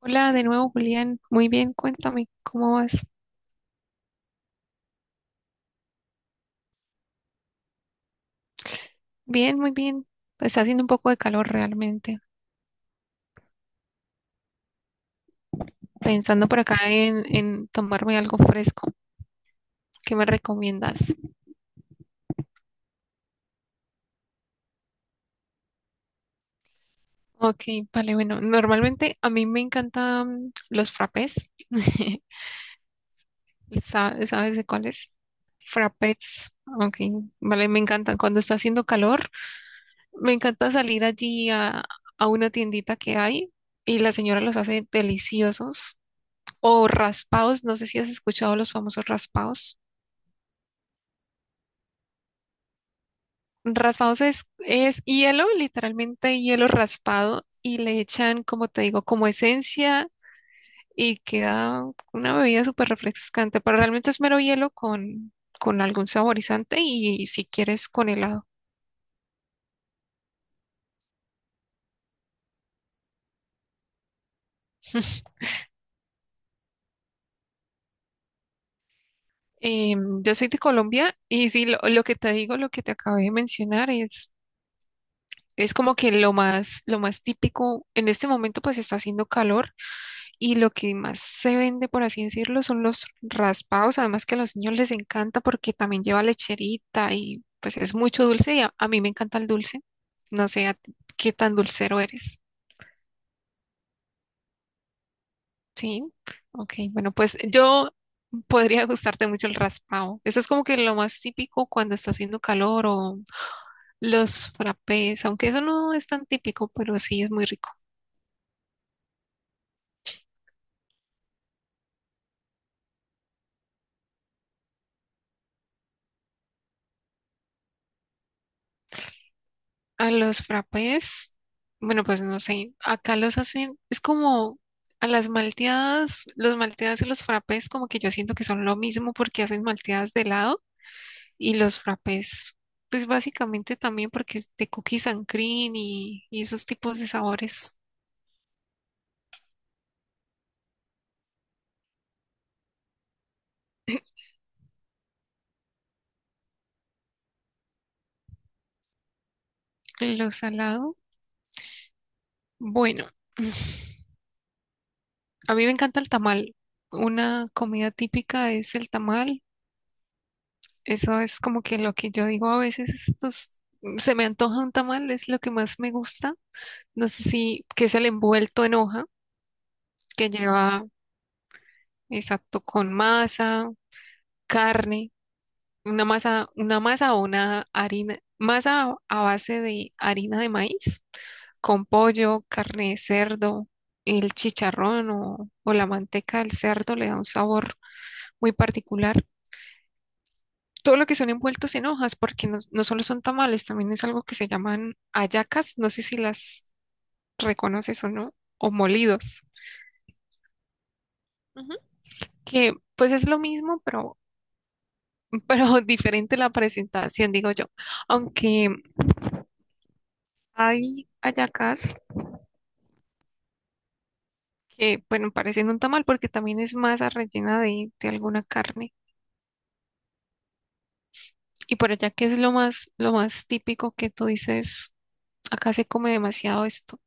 Hola de nuevo, Julián. Muy bien, cuéntame, ¿cómo vas? Bien, muy bien. Pues está haciendo un poco de calor realmente. Pensando por acá en tomarme algo fresco. ¿Qué me recomiendas? Ok, vale, bueno, normalmente a mí me encantan los frappés. ¿Sabes de cuáles? Frappés. Ok, vale, me encantan. Cuando está haciendo calor, me encanta salir allí a una tiendita que hay y la señora los hace deliciosos. O raspados, no sé si has escuchado los famosos raspados. Raspados es hielo, literalmente hielo raspado, y le echan, como te digo, como esencia y queda una bebida súper refrescante, pero realmente es mero hielo con algún saborizante y si quieres con helado. Yo soy de Colombia y sí, lo que te digo, lo que te acabé de mencionar es como que lo más típico. En este momento pues está haciendo calor y lo que más se vende, por así decirlo, son los raspados. Además que a los niños les encanta porque también lleva lecherita y pues es mucho dulce y a mí me encanta el dulce. No sé a ti qué tan dulcero eres. Sí, ok. Bueno, pues yo podría gustarte mucho el raspado. Eso es como que lo más típico cuando está haciendo calor o los frappés, aunque eso no es tan típico, pero sí es muy rico. A los frappés, bueno, pues no sé, acá los hacen, es como a las malteadas, los malteadas y los frappés, como que yo siento que son lo mismo porque hacen malteadas de helado y los frappés, pues básicamente también porque es de cookies and cream y esos tipos de sabores. Lo salado, bueno, a mí me encanta el tamal. Una comida típica es el tamal. Eso es como que lo que yo digo a veces, estos, se me antoja un tamal, es lo que más me gusta. No sé si, que es el envuelto en hoja, que lleva, exacto, con masa, carne, una masa o una harina, masa a base de harina de maíz, con pollo, carne de cerdo, el chicharrón o la manteca del cerdo le da un sabor muy particular. Todo lo que son envueltos en hojas, porque no, no solo son tamales, también es algo que se llaman hallacas, no sé si las reconoces o no, o molidos. Ujú. Que pues es lo mismo, pero diferente la presentación, digo yo. Aunque hay hallacas que, bueno, parecen un tamal porque también es masa rellena de alguna carne. Y por allá, ¿qué es lo más típico que tú dices? Acá se come demasiado esto.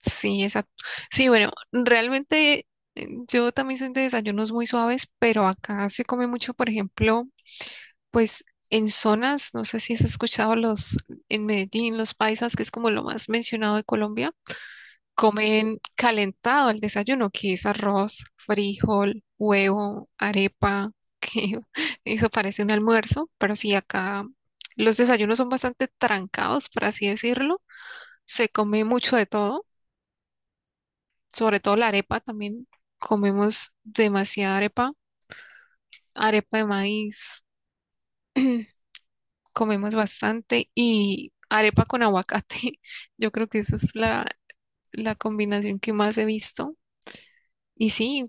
Sí, exacto. Sí, bueno, realmente yo también soy de desayunos muy suaves, pero acá se come mucho, por ejemplo, pues en zonas, no sé si has escuchado los, en Medellín, los paisas, que es como lo más mencionado de Colombia comen calentado el desayuno, que es arroz, frijol, huevo, arepa, que eso parece un almuerzo, pero sí acá los desayunos son bastante trancados, por así decirlo. Se come mucho de todo, sobre todo la arepa también. Comemos demasiada arepa, arepa de maíz, comemos bastante y arepa con aguacate. Yo creo que esa es la combinación que más he visto. Y sí,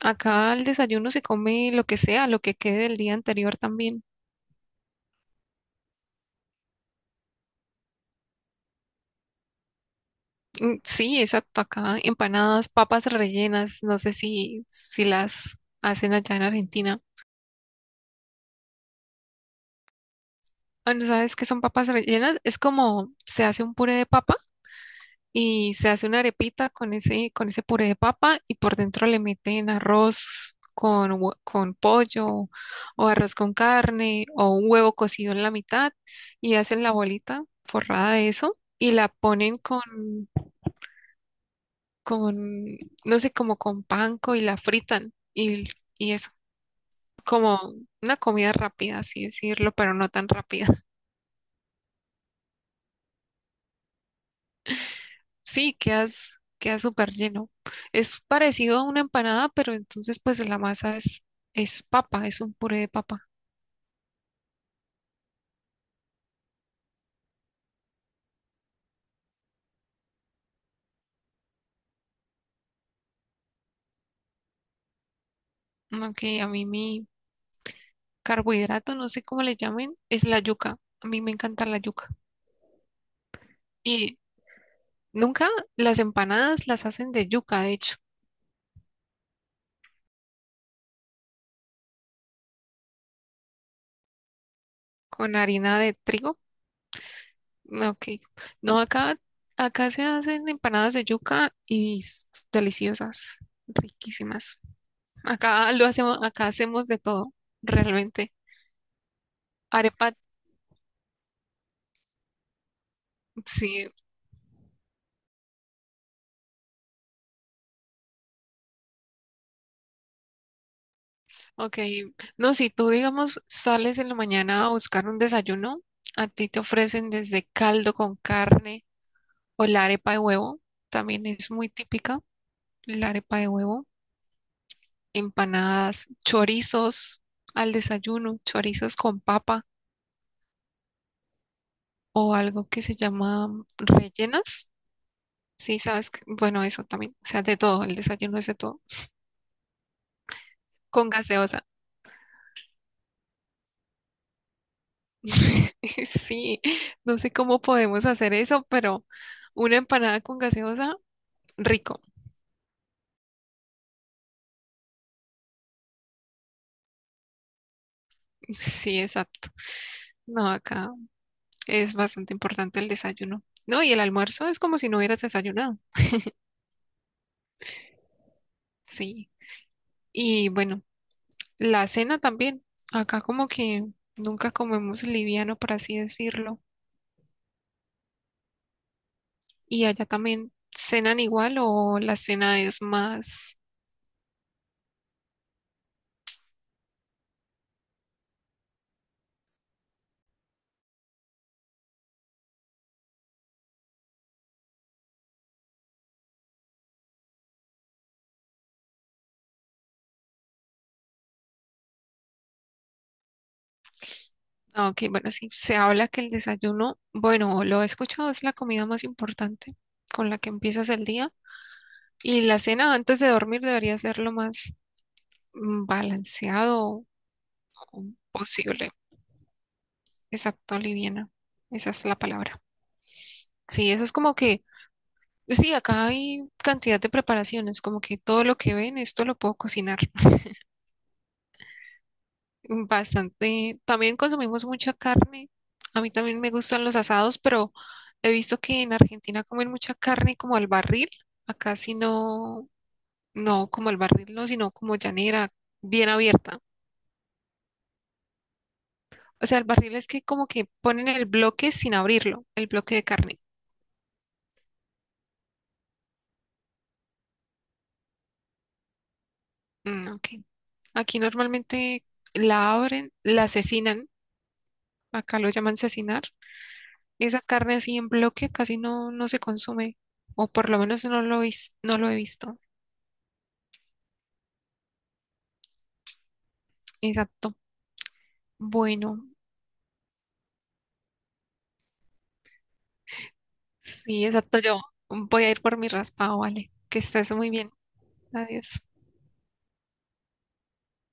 acá al desayuno se come lo que sea, lo que quede del día anterior también. Mm, sí, exacto. Acá empanadas, papas rellenas. No sé si las hacen allá en Argentina. Ah, ¿no sabes qué son papas rellenas? Es como se hace un puré de papa y se hace una arepita con ese puré de papa y por dentro le meten arroz con, con pollo o arroz con carne o un huevo cocido en la mitad y hacen la bolita forrada de eso y la ponen con, no sé, como con panko y la fritan y es como una comida rápida, así decirlo, pero no tan rápida. Sí, quedas, queda súper lleno. Es parecido a una empanada, pero entonces pues la masa es papa, es un puré de papa. Aunque a mí mi carbohidrato, no sé cómo le llamen, es la yuca. A mí me encanta la yuca. Y nunca las empanadas las hacen de yuca, de hecho, con harina de trigo. Ah, ok. No, acá, acá se hacen empanadas de yuca y deliciosas, riquísimas. Acá lo hacemos, acá hacemos de todo, realmente. Arepa, sí, ok. No, si tú, digamos, sales en la mañana a buscar un desayuno, a ti te ofrecen desde caldo con carne o la arepa de huevo, también es muy típica, la arepa de huevo, empanadas, chorizos al desayuno, chorizos con papa. O algo que se llama mm, rellenas. Sí, sabes que, bueno, eso también, o sea, de todo, el desayuno es de todo, con gaseosa. Sí, no sé cómo podemos hacer eso, pero una empanada con gaseosa, rico. Sí, exacto. No, acá es bastante importante el desayuno. No, y el almuerzo es como si no hubieras desayunado. Sí. Y bueno, la cena también. Acá como que nunca comemos liviano, por así decirlo. ¿Y allá también cenan igual o la cena es más... Ah, ok, bueno, sí, se habla que el desayuno, bueno, lo he escuchado, es la comida más importante con la que empiezas el día. Y la cena antes de dormir debería ser lo más mm, balanceado o posible. Exacto, liviana. Esa es la palabra. Sí, eso es como que, sí, acá hay cantidad de preparaciones, como que todo lo que ven, esto lo puedo cocinar. Bastante. También consumimos mucha carne. A mí también me gustan los asados, pero he visto que en Argentina comen mucha carne como al barril. Acá sí no, no como al barril, no, sino como llanera, bien abierta. O sea, el barril es que como que ponen el bloque sin abrirlo, el bloque de carne. Mm, ok. Aquí normalmente la abren, la asesinan. Acá lo llaman asesinar. Esa carne así en bloque casi no, no se consume, o por lo menos no lo, no lo he visto. Exacto. Bueno, sí, exacto. Yo voy a ir por mi raspado, vale. Que estés muy bien. Adiós.